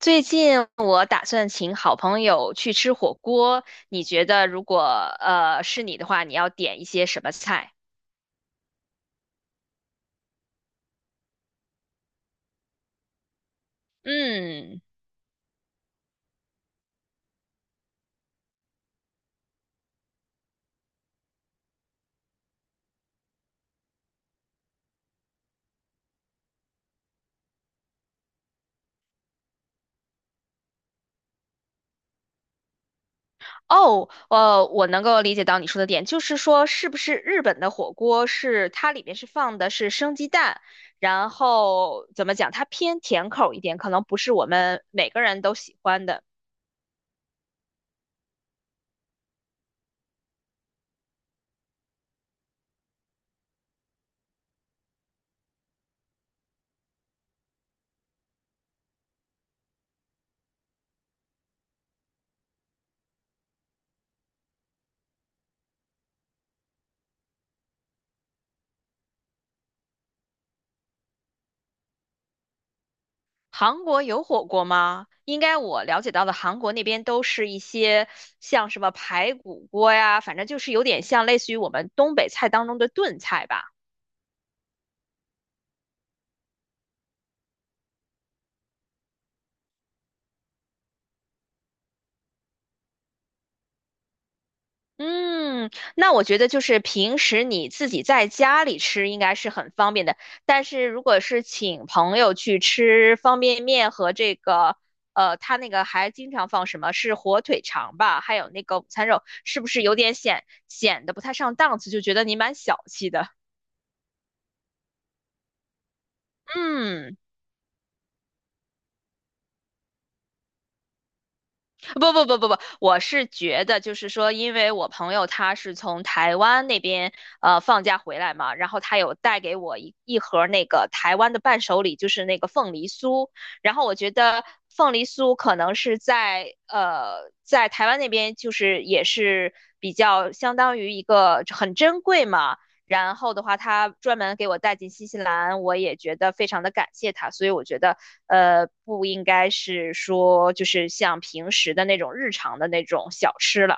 最近我打算请好朋友去吃火锅，你觉得如果是你的话，你要点一些什么菜？嗯。我能够理解到你说的点，就是说是不是日本的火锅是它里面是放的是生鸡蛋，然后怎么讲，它偏甜口一点，可能不是我们每个人都喜欢的。韩国有火锅吗？应该我了解到的韩国那边都是一些像什么排骨锅呀，反正就是有点像类似于我们东北菜当中的炖菜吧。嗯。那我觉得就是平时你自己在家里吃应该是很方便的，但是如果是请朋友去吃方便面和这个，他那个还经常放什么是火腿肠吧，还有那个午餐肉，是不是有点显得不太上档次，就觉得你蛮小气的？嗯。不，我是觉得就是说，因为我朋友他是从台湾那边放假回来嘛，然后他有带给我一盒那个台湾的伴手礼，就是那个凤梨酥。然后我觉得凤梨酥可能是在台湾那边就是也是比较相当于一个很珍贵嘛，然后的话，他专门给我带进新西兰，我也觉得非常的感谢他。所以我觉得，不应该是说就是像平时的那种日常的那种小吃了。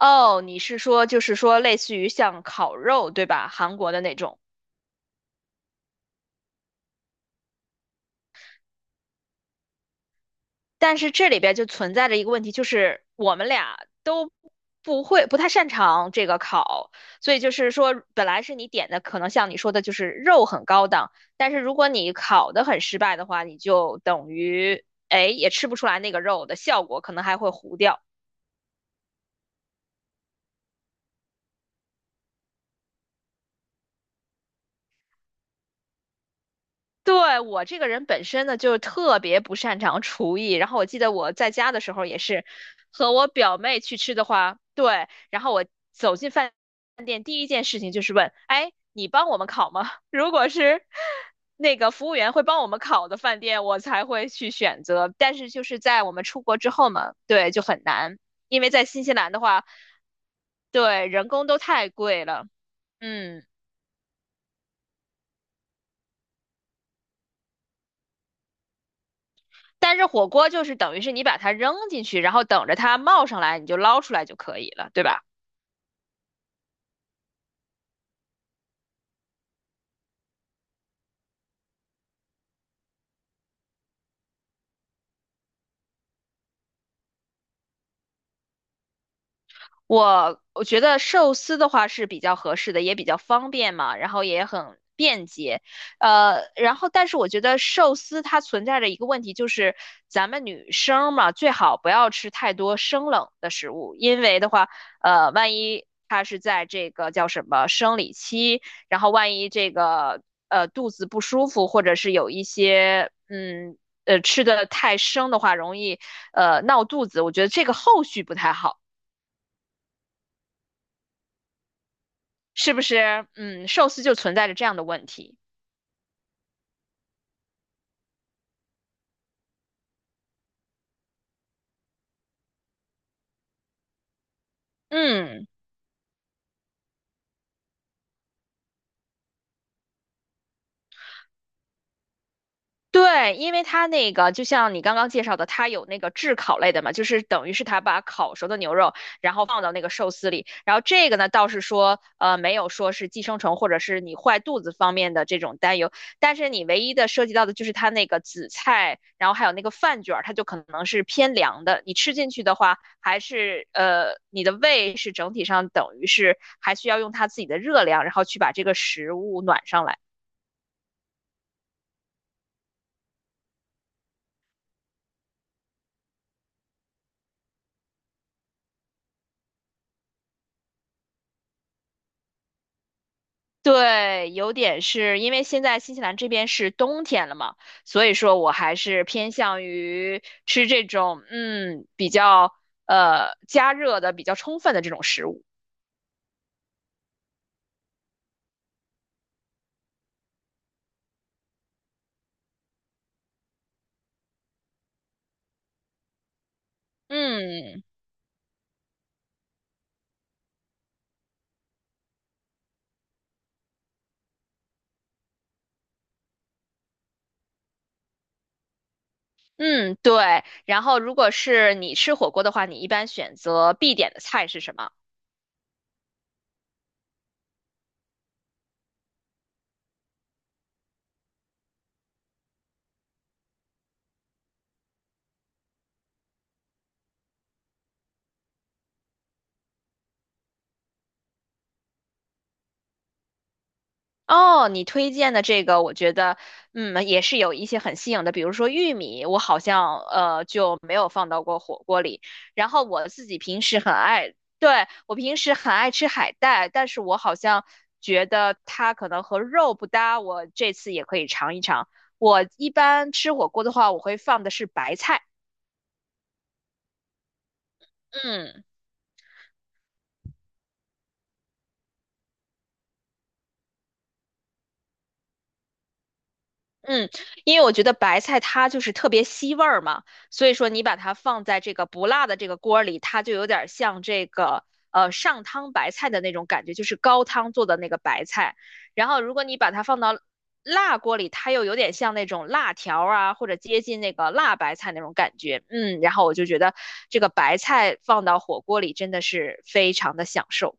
哦，你是说就是说类似于像烤肉，对吧？韩国的那种。但是这里边就存在着一个问题，就是我们俩都不会，不太擅长这个烤，所以就是说，本来是你点的，可能像你说的，就是肉很高档，但是如果你烤的很失败的话，你就等于，哎，也吃不出来那个肉的效果，可能还会糊掉。对，我这个人本身呢，就特别不擅长厨艺。然后我记得我在家的时候也是，和我表妹去吃的话，对，然后我走进饭店，第一件事情就是问，哎，你帮我们烤吗？如果是那个服务员会帮我们烤的饭店，我才会去选择。但是就是在我们出国之后嘛，对，就很难，因为在新西兰的话，对，人工都太贵了，嗯。但是火锅就是等于是你把它扔进去，然后等着它冒上来，你就捞出来就可以了，对吧？我觉得寿司的话是比较合适的，也比较方便嘛，然后也很便捷。然后但是我觉得寿司它存在着一个问题，就是咱们女生嘛，最好不要吃太多生冷的食物，因为的话，万一她是在这个叫什么生理期，然后万一这个肚子不舒服，或者是有一些吃的太生的话，容易闹肚子，我觉得这个后续不太好。是不是？嗯，寿司就存在着这样的问题。嗯。对，因为它那个就像你刚刚介绍的，它有那个炙烤类的嘛，就是等于是它把烤熟的牛肉，然后放到那个寿司里。然后这个呢，倒是说，没有说是寄生虫或者是你坏肚子方面的这种担忧。但是你唯一的涉及到的就是它那个紫菜，然后还有那个饭卷儿，它就可能是偏凉的。你吃进去的话，还是你的胃是整体上等于是还需要用它自己的热量，然后去把这个食物暖上来。对，有点是因为现在新西兰这边是冬天了嘛，所以说我还是偏向于吃这种嗯比较加热的比较充分的这种食物。嗯嗯，对。然后如果是你吃火锅的话，你一般选择必点的菜是什么？哦，你推荐的这个，我觉得，嗯，也是有一些很新颖的，比如说玉米，我好像就没有放到过火锅里。然后我自己平时很爱，对，我平时很爱吃海带，但是我好像觉得它可能和肉不搭，我这次也可以尝一尝。我一般吃火锅的话，我会放的是白菜，嗯。嗯，因为我觉得白菜它就是特别吸味儿嘛，所以说你把它放在这个不辣的这个锅里，它就有点儿像这个上汤白菜的那种感觉，就是高汤做的那个白菜。然后如果你把它放到辣锅里，它又有点像那种辣条儿啊，或者接近那个辣白菜那种感觉。嗯，然后我就觉得这个白菜放到火锅里真的是非常的享受。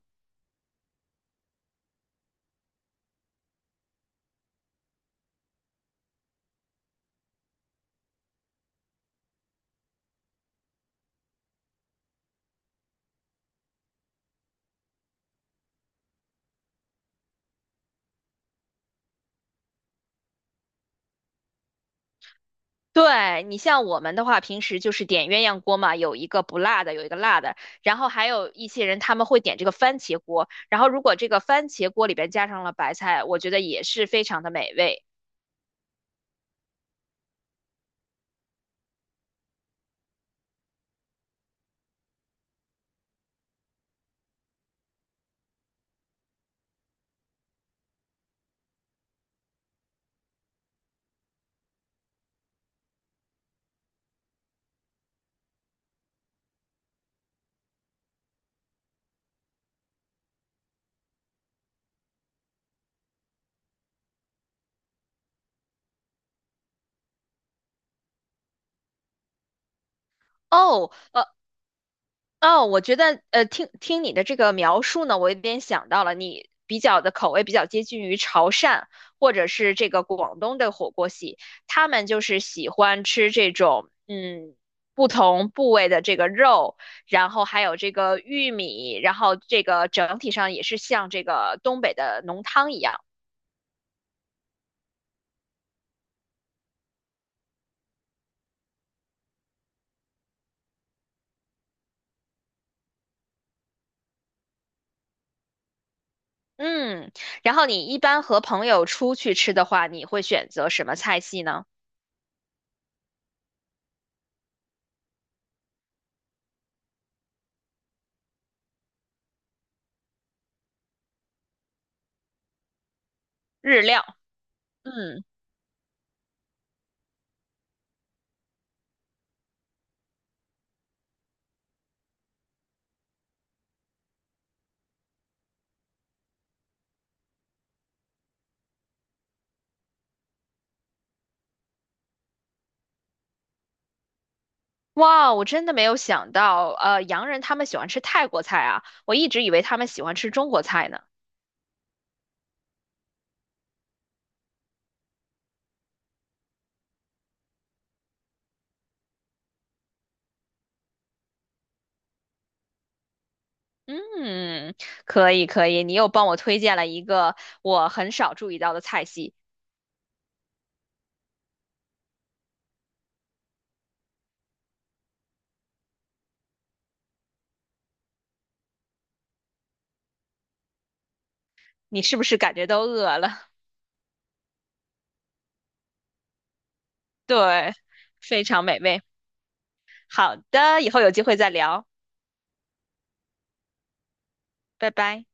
对，你像我们的话，平时就是点鸳鸯锅嘛，有一个不辣的，有一个辣的，然后还有一些人他们会点这个番茄锅，然后如果这个番茄锅里边加上了白菜，我觉得也是非常的美味。哦，呃，哦，我觉得听听你的这个描述呢，我有点想到了，你比较的口味比较接近于潮汕或者是这个广东的火锅系，他们就是喜欢吃这种嗯不同部位的这个肉，然后还有这个玉米，然后这个整体上也是像这个东北的浓汤一样。嗯，然后你一般和朋友出去吃的话，你会选择什么菜系呢？日料。嗯。哇，我真的没有想到，洋人他们喜欢吃泰国菜啊，我一直以为他们喜欢吃中国菜呢。嗯，可以可以，你又帮我推荐了一个我很少注意到的菜系，你是不是感觉都饿了？对，非常美味。好的，以后有机会再聊，拜拜。